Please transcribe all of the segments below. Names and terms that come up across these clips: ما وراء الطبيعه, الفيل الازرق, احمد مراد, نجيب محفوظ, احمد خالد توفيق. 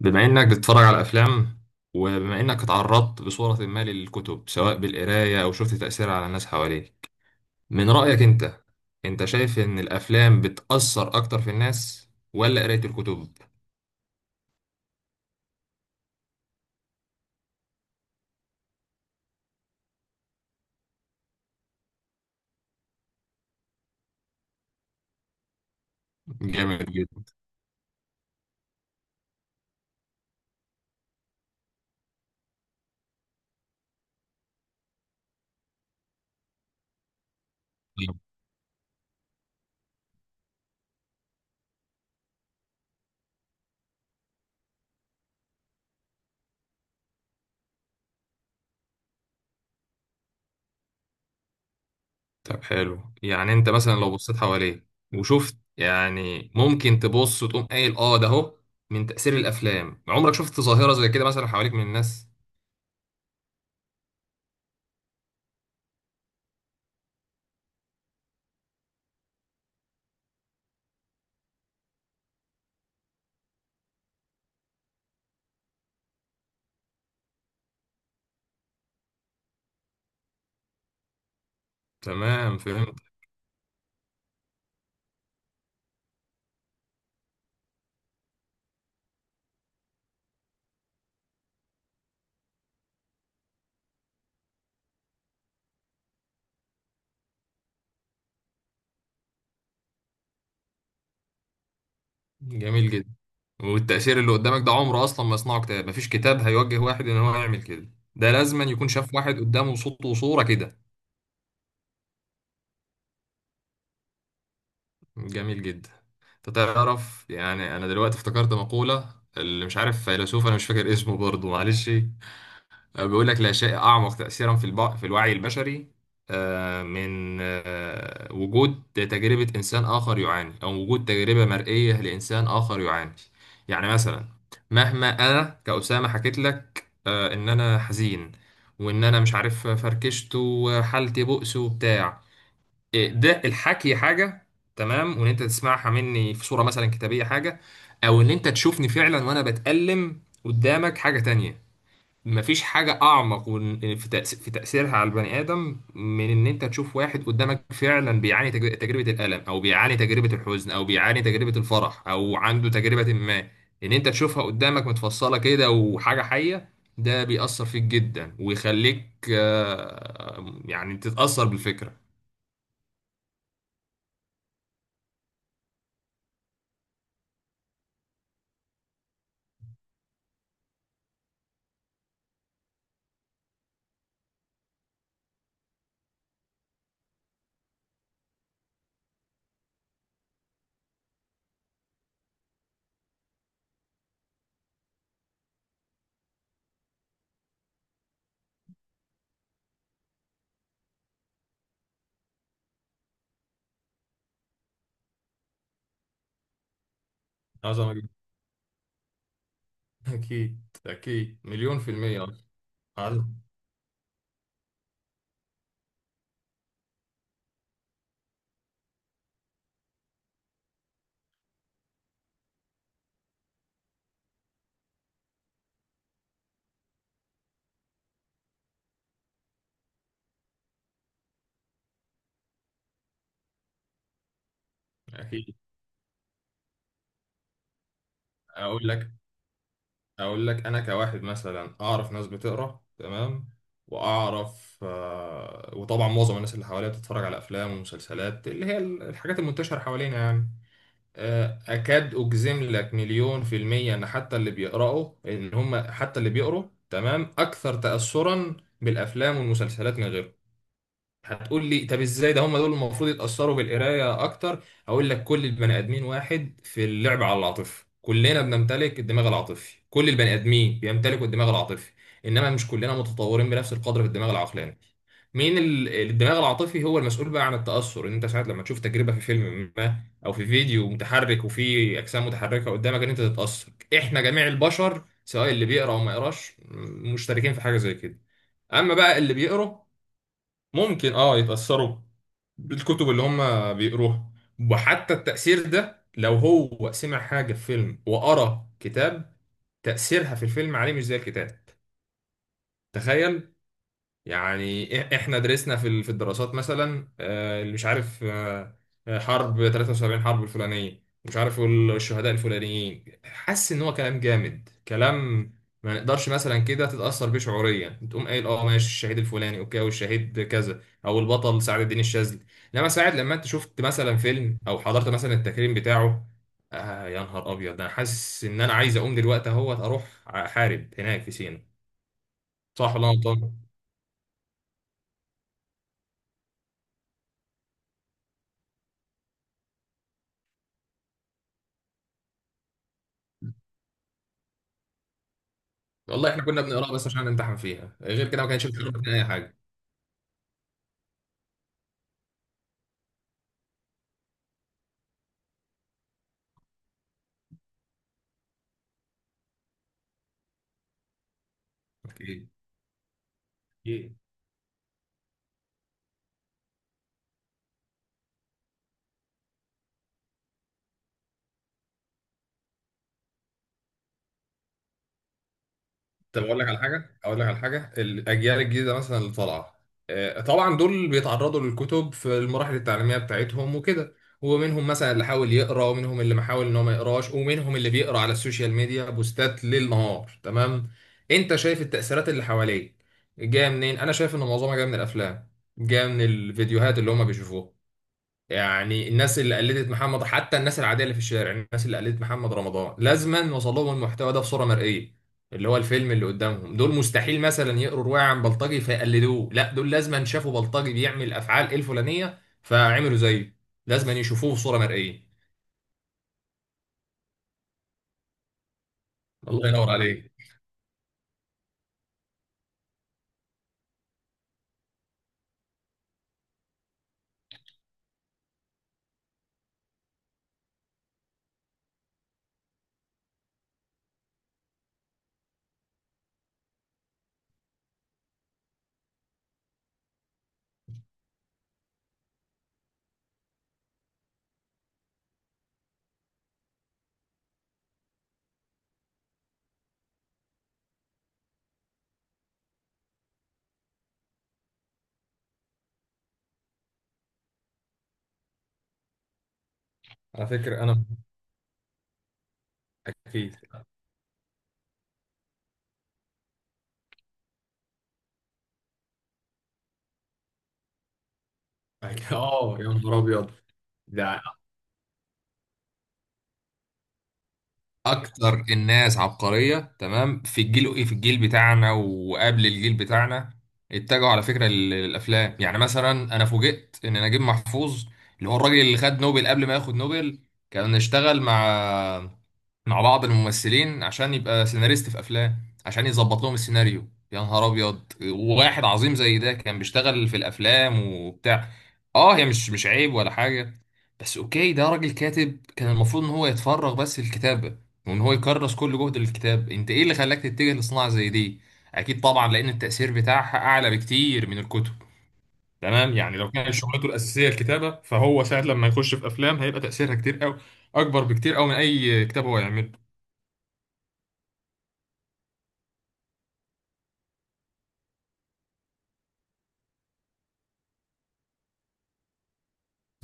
بما إنك بتتفرج على أفلام وبما إنك اتعرضت بصورة ما للكتب سواء بالقراية أو شفت تأثيرها على الناس حواليك من رأيك أنت، أنت شايف إن الأفلام بتأثر أكتر في الناس ولا قراية الكتب؟ جامد جدا. طب حلو، يعني أنت مثلا لو بصيت حواليك وشفت يعني ممكن تبص وتقوم قايل آه ده أهو من تأثير الأفلام، عمرك شفت ظاهرة زي كده مثلا حواليك من الناس؟ تمام، فهمت. جميل جدا. والتأثير اللي قدامك ده عمره أصلا ما يصنعه كتاب، مفيش كتاب هيوجه واحد إن هو يعمل كده، ده لازما يكون شاف واحد قدامه صوت وصورة كده. جميل جدا. أنت تعرف، يعني أنا دلوقتي افتكرت مقولة اللي مش عارف فيلسوف أنا مش فاكر اسمه برضه، معلش. بيقول لك لا شيء أعمق تأثيرا في الوعي البشري من وجود تجربة إنسان آخر يعاني أو وجود تجربة مرئية لإنسان آخر يعاني. يعني مثلا مهما أنا كأسامة حكيت لك، إن أنا حزين وإن أنا مش عارف فركشت وحالتي بؤس وبتاع. ده الحكي حاجة، تمام، وإن أنت تسمعها مني في صورة مثلا كتابية حاجة، أو إن أنت تشوفني فعلا وأنا بتألم قدامك حاجة تانية. مفيش حاجة أعمق في تأثيرها على البني آدم من إن أنت تشوف واحد قدامك فعلا بيعاني تجربة الألم أو بيعاني تجربة الحزن أو بيعاني تجربة الفرح أو عنده تجربة ما، إن أنت تشوفها قدامك متفصلة كده وحاجة حية. ده بيأثر فيك جدا ويخليك يعني تتأثر بالفكرة. عظمة جدا. أكيد، أكيد مليون في المية. عظمة. أكيد. أقول لك، اقول لك انا كواحد مثلا اعرف ناس بتقرا، تمام، واعرف وطبعا معظم الناس اللي حواليا بتتفرج على افلام ومسلسلات اللي هي الحاجات المنتشره حوالينا يعني. اكاد اجزم لك مليون في الميه ان حتى اللي بيقراوا ان هم حتى اللي بيقروا، تمام، اكثر تاثرا بالافلام والمسلسلات من غيرهم. هتقول لي طب ازاي ده، هم دول المفروض يتأثروا بالقراية اكتر. اقول لك كل البني ادمين واحد في اللعب على العاطفة، كلنا بنمتلك الدماغ العاطفي، كل البني ادمين بيمتلكوا الدماغ العاطفي، انما مش كلنا متطورين بنفس القدر في الدماغ العقلاني. مين الدماغ العاطفي هو المسؤول بقى عن التأثر ان انت ساعات لما تشوف تجربة في فيلم ما او في فيديو متحرك وفي اجسام متحركة قدامك ان انت تتأثر. احنا جميع البشر سواء اللي بيقرا او ما يقراش مشتركين في حاجة زي كده. اما بقى اللي بيقرا ممكن اه يتأثروا بالكتب اللي هم بيقروها. وحتى التأثير ده لو هو سمع حاجة في فيلم وقرأ كتاب، تأثيرها في الفيلم عليه مش زي الكتاب. تخيل. يعني احنا درسنا في الدراسات مثلا، اللي مش عارف حرب 73، حرب الفلانيه، مش عارف الشهداء الفلانيين، حاسس ان هو كلام جامد كلام. ما نقدرش مثلا كده تتاثر بيه شعوريا تقوم قايل اه ماشي الشهيد الفلاني اوكي، او الشهيد كذا، او البطل سعد الدين الشاذلي. انما ساعد لما انت شفت مثلا فيلم او حضرت مثلا التكريم بتاعه، آه يا نهار ابيض انا حاسس ان انا عايز اقوم دلوقتي اهوت اروح احارب هناك في سينا. صح ولا أنا غلطان؟ والله احنا كنا بنقراها بس عشان نمتحن فيها، غير كده ما كانش بيشرح لنا اي حاجه. اوكي. ايه. طب اقول لك على حاجه، اقول لك على حاجه الاجيال الجديده مثلا اللي طالعه، طبعا دول بيتعرضوا للكتب في المراحل التعليميه بتاعتهم وكده، ومنهم مثلا اللي حاول يقرا، ومنهم اللي ما حاول ان هو ما يقراش، ومنهم اللي بيقرا على السوشيال ميديا بوستات ليل نهار، تمام. انت شايف التاثيرات اللي حواليك جايه منين؟ انا شايف ان معظمها جايه من الافلام، جايه من الفيديوهات اللي هم بيشوفوها. يعني الناس اللي قلدت محمد، حتى الناس العاديه اللي في الشارع، الناس اللي قلدت محمد رمضان لازما وصل لهم المحتوى ده بصوره مرئيه، اللي هو الفيلم اللي قدامهم. دول مستحيل مثلا يقروا روايه عن بلطجي فيقلدوه، لا دول لازما شافوا بلطجي بيعمل افعال الفلانيه فعملوا زيه، لازما يشوفوه بصوره مرئيه. الله ينور عليك. على فكره انا. اكيد اه يا نهار ابيض. ده اكتر الناس عبقريه، تمام، في الجيل ايه، في الجيل بتاعنا وقبل الجيل بتاعنا اتجهوا على فكره للافلام. يعني مثلا انا فوجئت ان نجيب محفوظ اللي هو الراجل اللي خد نوبل، قبل ما ياخد نوبل كان اشتغل مع بعض الممثلين عشان يبقى سيناريست في افلام، عشان يظبط لهم السيناريو. يا نهار ابيض، وواحد عظيم زي ده كان بيشتغل في الافلام وبتاع. اه هي مش عيب ولا حاجه، بس اوكي ده راجل كاتب كان المفروض ان هو يتفرغ بس للكتابه وان هو يكرس كل جهده للكتاب. انت ايه اللي خلاك تتجه لصناعه زي دي؟ اكيد طبعا لان التاثير بتاعها اعلى بكتير من الكتب. تمام، يعني لو كان شغلته الاساسيه الكتابه فهو ساعه لما يخش في افلام هيبقى تاثيرها كتير قوي، اكبر بكتير قوي من اي كتاب هو يعمله.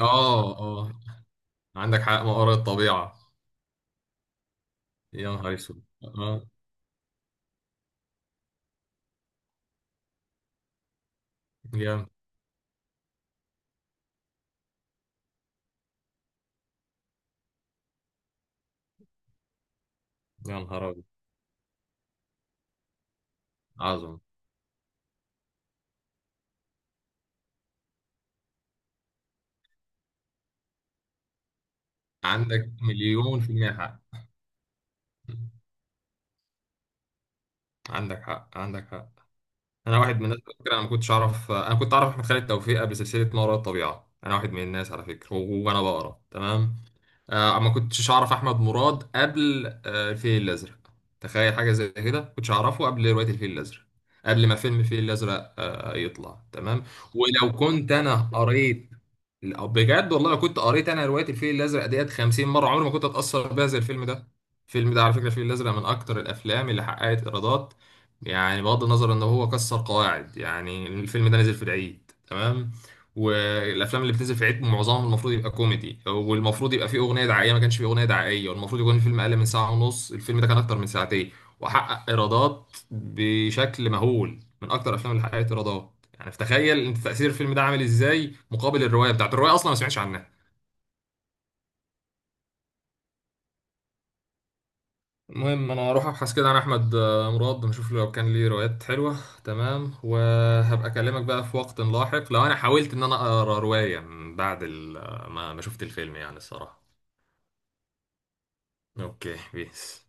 اه، اه، عندك حق، مقر الطبيعة. يا نهار اسود. اه جامد. يا نهار ابيض. عظمة. عندك مليون في المية حق. عندك حق، عندك حق. انا واحد من الناس على فكره، انا ما كنتش اعرف، انا كنت اعرف احمد خالد توفيق قبل سلسله ما وراء الطبيعه. انا واحد من الناس على فكره، وانا بقرا، تمام، آه ما كنتش اعرف احمد مراد قبل آه الفيل الازرق. تخيل حاجه زي كده، ما كنتش اعرفه قبل روايه الفيل الازرق، قبل ما فيلم الفيل الازرق آه يطلع، تمام. ولو كنت انا قريت، لا، بجد والله لو كنت قريت انا روايه الفيل الازرق ديت 50 مره عمري ما كنت اتاثر بيها زي الفيلم ده. الفيلم ده على فكره، الفيل الازرق، من اكتر الافلام اللي حققت ايرادات. يعني بغض النظر ان هو كسر قواعد، يعني الفيلم ده نزل في العيد، تمام، والافلام اللي بتنزل في العيد معظمها المفروض يبقى كوميدي، والمفروض يبقى فيه اغنيه دعائيه، ما كانش فيه اغنيه دعائيه، والمفروض يكون الفيلم اقل من ساعه ونص، الفيلم ده كان اكتر من ساعتين. وحقق ايرادات بشكل مهول، من اكتر الافلام اللي حققت ايرادات. يعني فتخيل انت تاثير الفيلم ده عامل ازاي مقابل الروايه، بتاعت الروايه اصلا ما سمعتش عنها. المهم انا هروح ابحث كده عن احمد، مراد، نشوف لو كان ليه روايات حلوه، تمام، وهبقى اكلمك بقى في وقت لاحق لو انا حاولت ان انا اقرا روايه من بعد ما شفت الفيلم، يعني الصراحه. اوكي بيس.